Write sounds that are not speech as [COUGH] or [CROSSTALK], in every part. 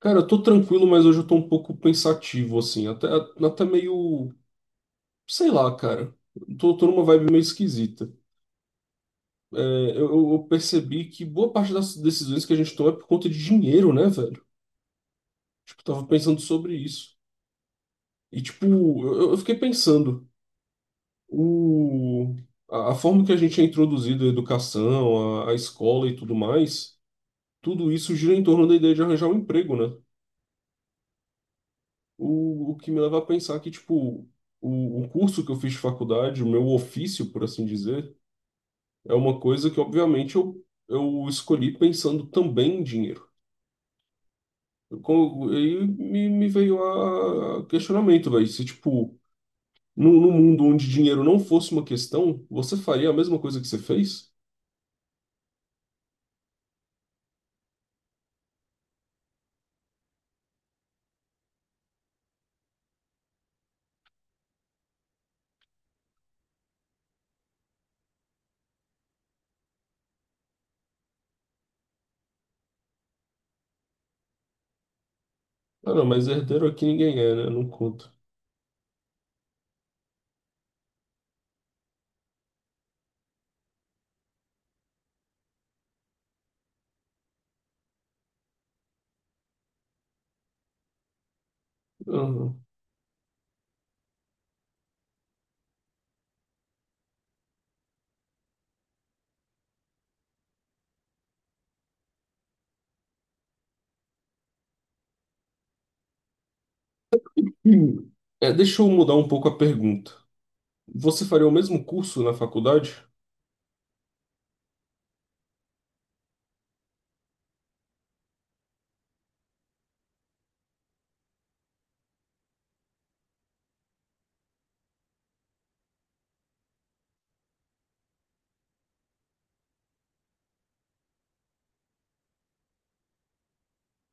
Cara, eu tô tranquilo, mas hoje eu tô um pouco pensativo, assim, até meio, sei lá, cara. Tô numa vibe meio esquisita. É, eu percebi que boa parte das decisões que a gente toma é por conta de dinheiro, né, velho? Tipo, eu tava pensando sobre isso. E, tipo, eu fiquei pensando, o, a forma que a gente é introduzido à educação, à escola e tudo mais, tudo isso gira em torno da ideia de arranjar um emprego, né? O que me leva a pensar que, tipo, o curso que eu fiz de faculdade, o meu ofício, por assim dizer, é uma coisa que, obviamente, eu escolhi pensando também em dinheiro. E me veio a questionamento, velho, se, tipo, no mundo onde dinheiro não fosse uma questão, você faria a mesma coisa que você fez? Ah, não, mas herdeiro aqui ninguém é, né? Não conta. Aham. Hum. É, deixa eu mudar um pouco a pergunta. Você faria o mesmo curso na faculdade?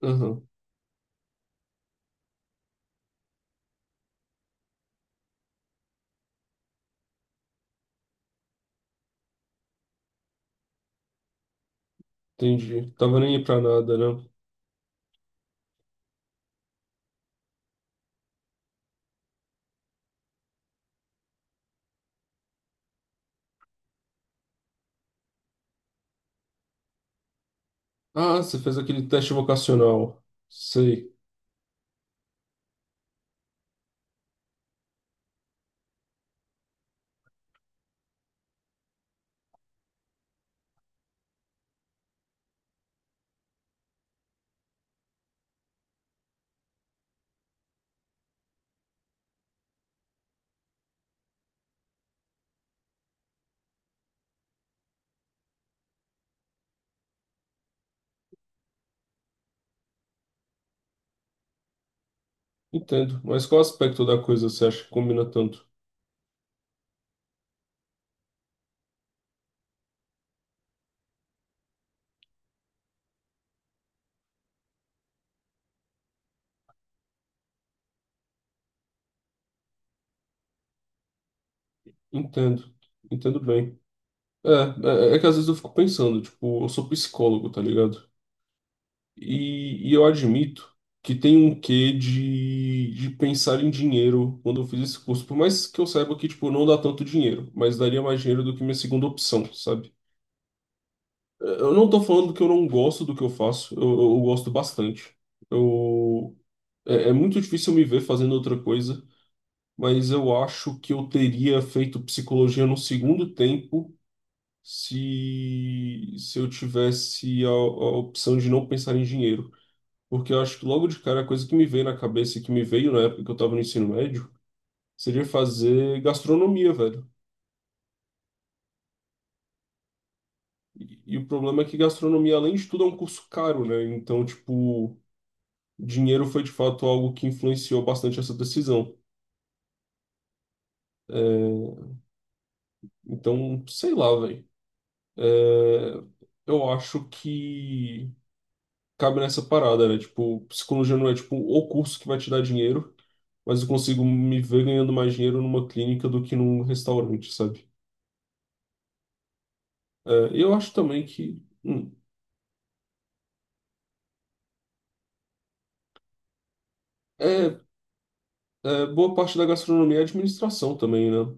Aham, entendi. Tava nem aí pra nada, né? Ah, você fez aquele teste vocacional. Sei. Entendo. Mas qual aspecto da coisa você acha que combina tanto? Entendo. Entendo bem. É, é que às vezes eu fico pensando, tipo, eu sou psicólogo, tá ligado? E eu admito que tem um quê de pensar em dinheiro quando eu fiz esse curso. Por mais que eu saiba que, tipo, não dá tanto dinheiro, mas daria mais dinheiro do que minha segunda opção, sabe? Eu não tô falando que eu não gosto do que eu faço, eu gosto bastante. Eu, é muito difícil me ver fazendo outra coisa, mas eu acho que eu teria feito psicologia no segundo tempo se eu tivesse a opção de não pensar em dinheiro. Porque eu acho que logo de cara a coisa que me veio na cabeça, e que me veio na época que eu estava no ensino médio, seria fazer gastronomia, velho. E o problema é que gastronomia, além de tudo, é um curso caro, né? Então, tipo, dinheiro foi de fato algo que influenciou bastante essa decisão. É, então, sei lá, velho. É, eu acho que cabe nessa parada, né? Tipo, psicologia não é tipo o curso que vai te dar dinheiro, mas eu consigo me ver ganhando mais dinheiro numa clínica do que num restaurante, sabe? É, e eu acho também que é, boa parte da gastronomia é administração também, né?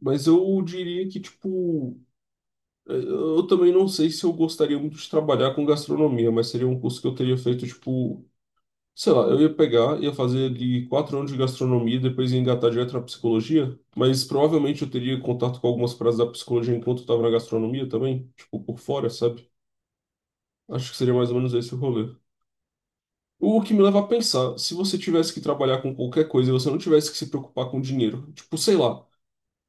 Mas eu diria que, tipo, eu também não sei se eu gostaria muito de trabalhar com gastronomia, mas seria um curso que eu teria feito, tipo. Sei lá, eu ia pegar, ia fazer ali 4 anos de gastronomia, depois ia engatar direto na psicologia, mas provavelmente eu teria contato com algumas praças da psicologia enquanto eu tava na gastronomia também, tipo, por fora, sabe? Acho que seria mais ou menos esse o rolê. O que me leva a pensar, se você tivesse que trabalhar com qualquer coisa e você não tivesse que se preocupar com dinheiro, tipo, sei lá,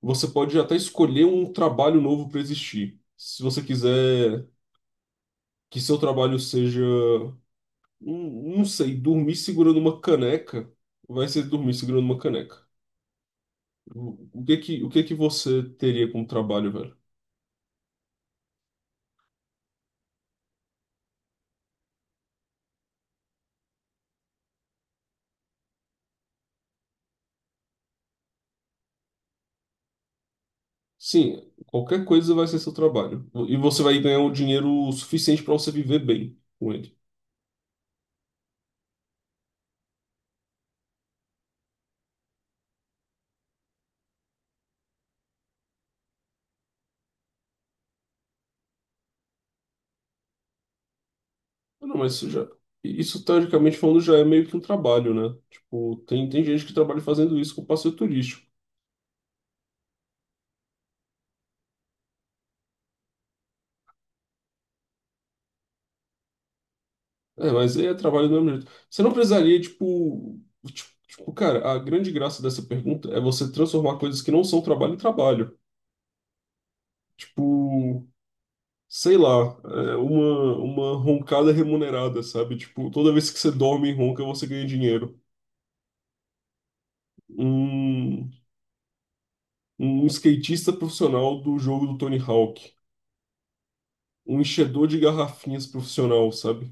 você pode até escolher um trabalho novo para existir. Se você quiser que seu trabalho seja, não sei, dormir segurando uma caneca, vai ser dormir segurando uma caneca. O que que você teria como trabalho, velho? Sim, qualquer coisa vai ser seu trabalho. E você vai ganhar um dinheiro suficiente para você viver bem com ele. Ah, não, mas isso já. Isso, teoricamente falando, já é meio que um trabalho, né? Tipo, tem gente que trabalha fazendo isso com passeio turístico. É, mas aí é trabalho do mesmo jeito. Você não precisaria, tipo. Tipo, cara, a grande graça dessa pergunta é você transformar coisas que não são trabalho em trabalho. Tipo. Sei lá, uma roncada remunerada, sabe? Tipo, toda vez que você dorme e ronca, você ganha dinheiro. Um, um skatista profissional do jogo do Tony Hawk. Um enchedor de garrafinhas profissional, sabe?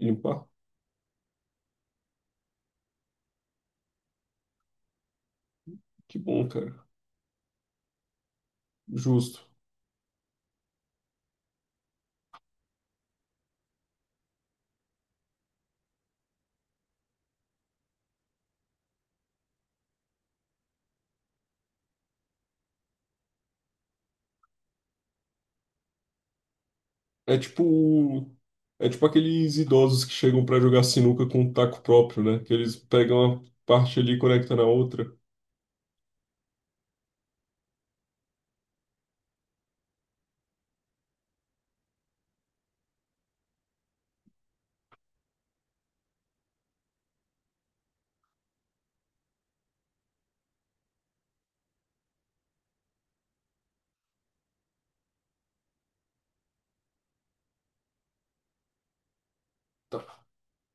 Limpar? Que bom, cara. Justo. É tipo. É tipo aqueles idosos que chegam pra jogar sinuca com um taco próprio, né? Que eles pegam uma parte ali e conectam na outra.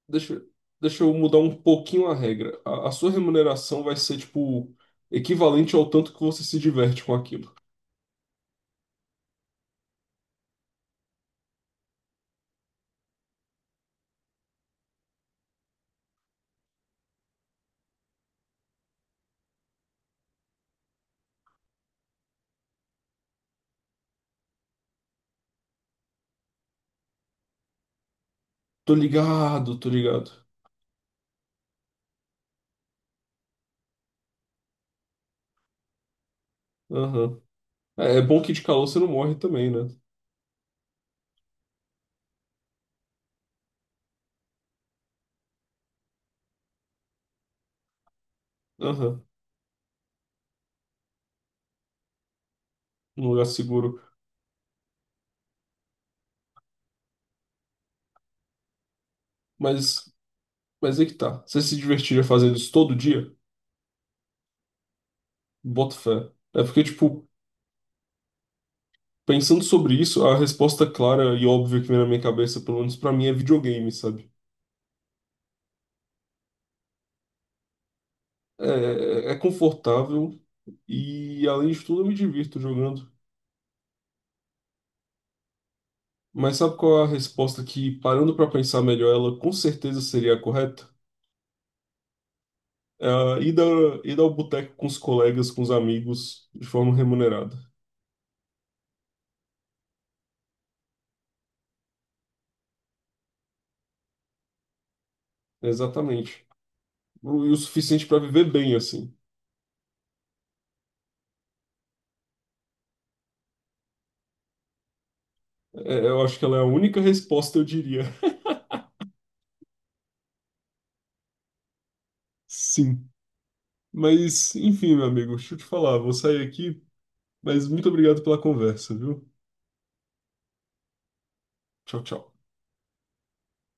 Deixa, eu- Deixa eu mudar um pouquinho a regra. A sua remuneração vai ser, tipo, equivalente ao tanto que você se diverte com aquilo. Tô ligado, tô ligado. Aham. É bom que de calor você não morre também, né? Aham. Num lugar seguro. Mas, mas é que tá. Você se divertiria fazendo isso todo dia? Boto fé. É porque, tipo, pensando sobre isso, a resposta clara e óbvia que vem na minha cabeça, pelo menos pra mim, é videogame, sabe? É, é confortável e, além de tudo, eu me divirto jogando. Mas sabe qual é a resposta que, parando para pensar melhor, ela com certeza seria a correta? É a ida ao boteco com os colegas, com os amigos, de forma remunerada. Exatamente. E o suficiente para viver bem, assim. É, eu acho que ela é a única resposta, eu diria. [LAUGHS] Sim. Mas, enfim, meu amigo, deixa eu te falar, vou sair aqui, mas muito obrigado pela conversa, viu? Tchau, tchau.